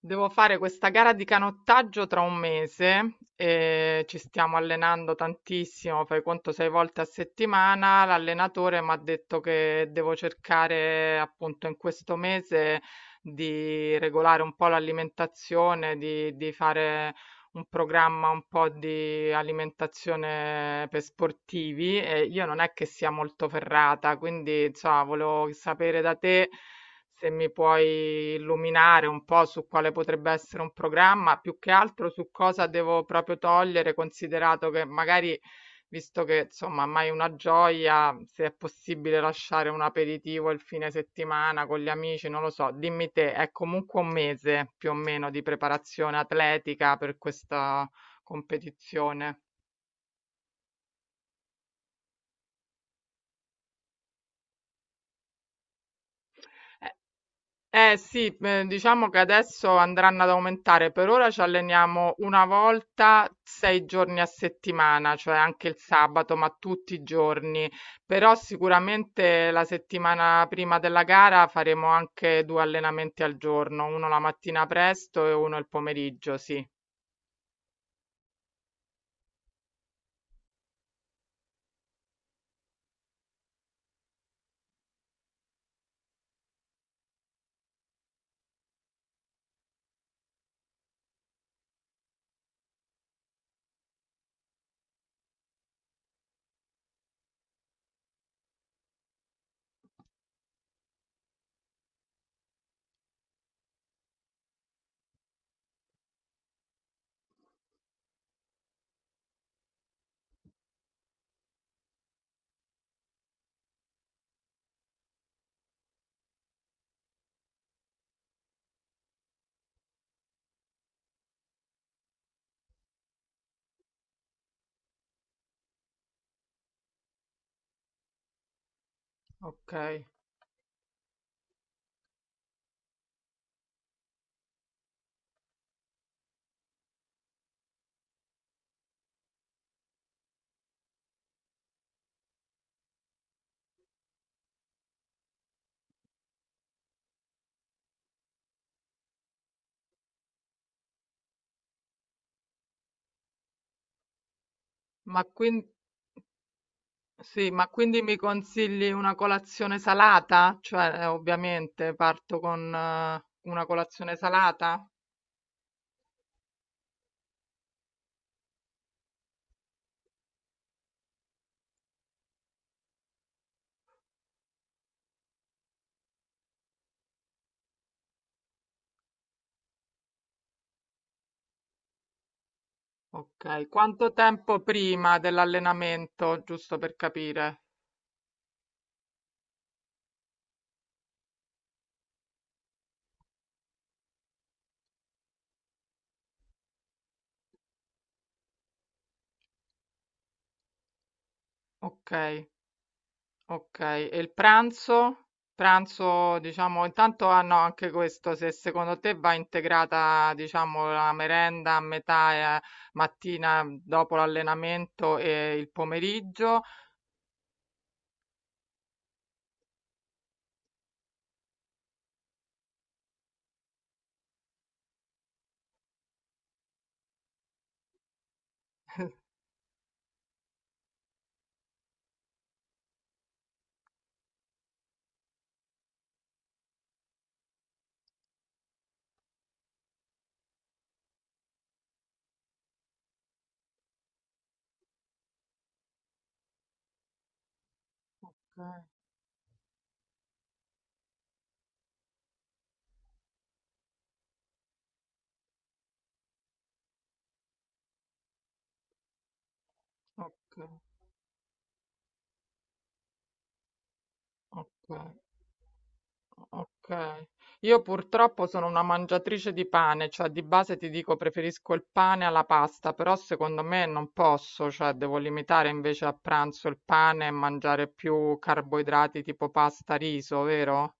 Devo fare questa gara di canottaggio tra un mese e ci stiamo allenando tantissimo, fai conto 6 volte a settimana. L'allenatore mi ha detto che devo cercare appunto in questo mese di regolare un po' l'alimentazione, di fare un programma un po' di alimentazione per sportivi e io non è che sia molto ferrata, quindi insomma, volevo sapere da te se mi puoi illuminare un po' su quale potrebbe essere un programma, più che altro su cosa devo proprio togliere, considerato che magari, visto che insomma mai una gioia, se è possibile lasciare un aperitivo il fine settimana con gli amici, non lo so, dimmi te, è comunque un mese più o meno di preparazione atletica per questa competizione. Eh. Eh sì, diciamo che adesso andranno ad aumentare. Per ora ci alleniamo una volta 6 giorni a settimana, cioè anche il sabato, ma tutti i giorni. Però sicuramente la settimana prima della gara faremo anche 2 allenamenti al giorno, uno la mattina presto e uno il pomeriggio, sì. Ok. Ma quindi, sì, ma quindi mi consigli una colazione salata? Cioè, ovviamente parto con una colazione salata? Okay, quanto tempo prima dell'allenamento, giusto per capire? Okay, okay. E il pranzo? Pranzo, diciamo, intanto hanno anche questo, se secondo te va integrata, diciamo, la merenda a metà, mattina dopo l'allenamento e il pomeriggio? Okay, okay, okay. Okay. Io purtroppo sono una mangiatrice di pane, cioè di base ti dico preferisco il pane alla pasta, però secondo me non posso, cioè devo limitare invece a pranzo il pane e mangiare più carboidrati tipo pasta, riso, vero?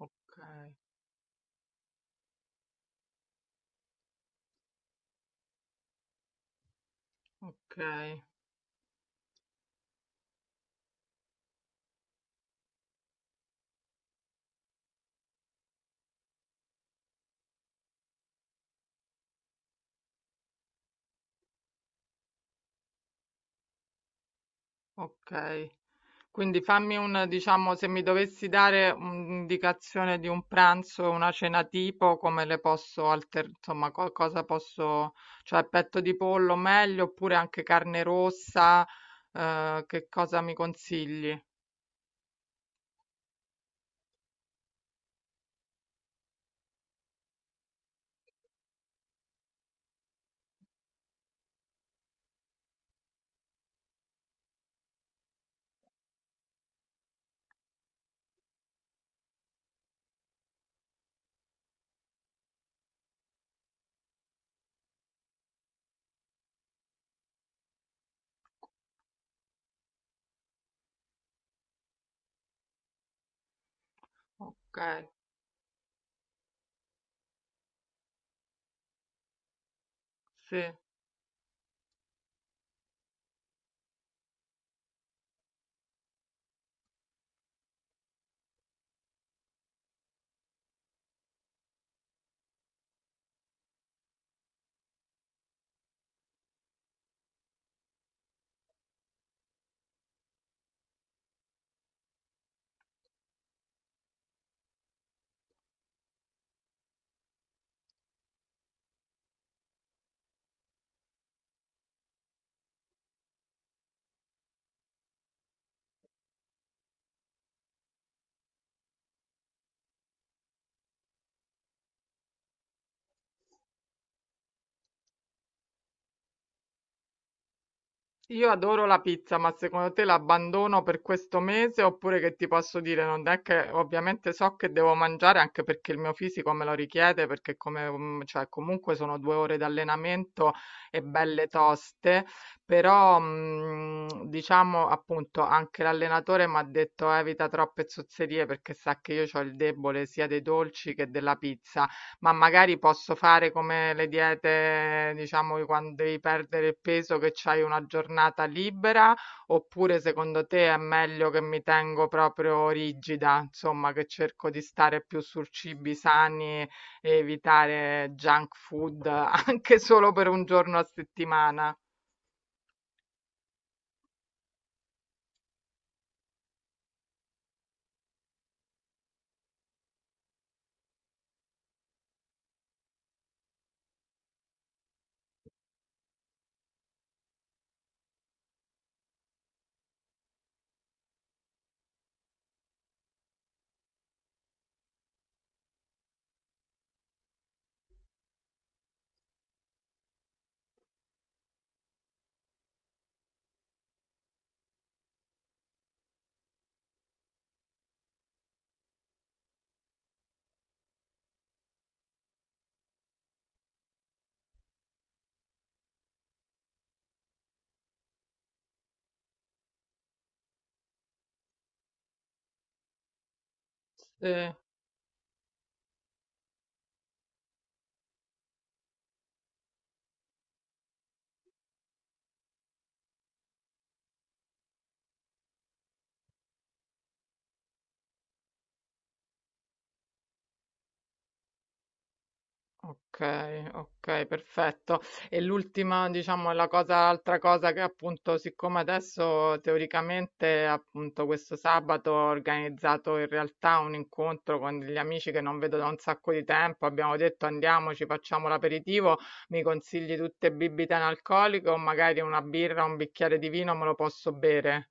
Okay, okay, okay. Quindi fammi un, diciamo, se mi dovessi dare un'indicazione di un pranzo e una cena tipo, come le posso insomma, cosa posso, cioè petto di pollo meglio, oppure anche carne rossa, che cosa mi consigli? Ok, sì. Io adoro la pizza, ma secondo te l'abbandono per questo mese oppure che ti posso dire? Non è che ovviamente so che devo mangiare anche perché il mio fisico me lo richiede, perché come, cioè, comunque sono 2 ore di allenamento e belle toste, però diciamo appunto anche l'allenatore mi ha detto evita troppe zozzerie perché sa che io ho il debole sia dei dolci che della pizza. Ma magari posso fare come le diete, diciamo, che quando devi perdere il peso, che c'hai una giornata libera, oppure secondo te è meglio che mi tengo proprio rigida, insomma, che cerco di stare più su cibi sani e evitare junk food anche solo per un giorno a settimana? Sì. Okay, okay, perfetto. E l'ultima, diciamo, è la cosa l'altra cosa che appunto, siccome adesso teoricamente, appunto, questo sabato ho organizzato in realtà un incontro con degli amici che non vedo da un sacco di tempo, abbiamo detto andiamoci, facciamo l'aperitivo, mi consigli tutte bibite analcoliche o magari una birra, un bicchiere di vino me lo posso bere?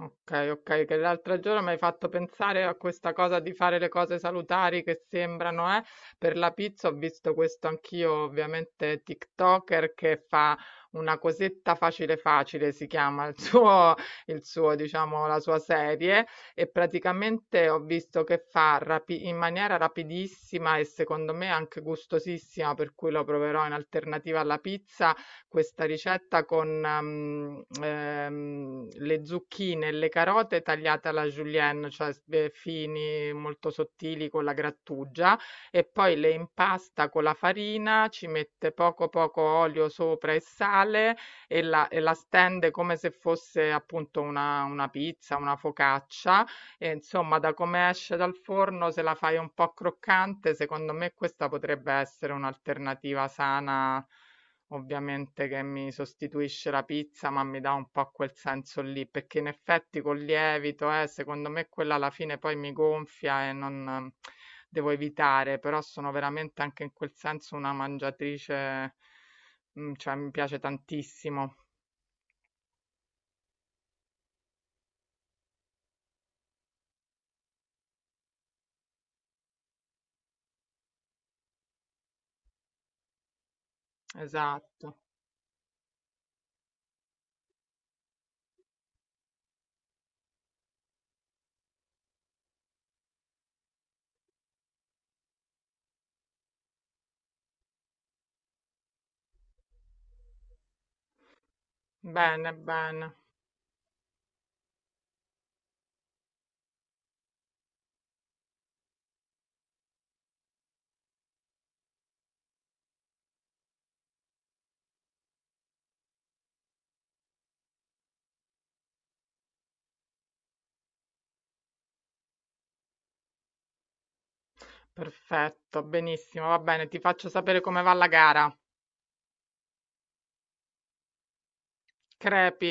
Ok, ok, che l'altro giorno mi hai fatto pensare a questa cosa di fare le cose salutari che sembrano, eh? Per la pizza ho visto questo anch'io, ovviamente TikToker che fa una cosetta facile facile, si chiama diciamo, la sua serie e praticamente ho visto che fa in maniera rapidissima e secondo me anche gustosissima, per cui lo proverò in alternativa alla pizza questa ricetta con, le zucchine e le carote tagliate alla julienne, cioè s fini, molto sottili con la grattugia e poi le impasta con la farina, ci mette poco, poco olio sopra e sale e la stende come se fosse appunto una pizza, una focaccia e insomma da come esce dal forno, se la fai un po' croccante, secondo me questa potrebbe essere un'alternativa sana. Ovviamente che mi sostituisce la pizza, ma mi dà un po' quel senso lì, perché in effetti col lievito, secondo me quella alla fine poi mi gonfia e non devo evitare, però sono veramente anche in quel senso una mangiatrice, cioè mi piace tantissimo. Esatto. Bene, bene. Perfetto, benissimo, va bene, ti faccio sapere come va la gara. Crepi.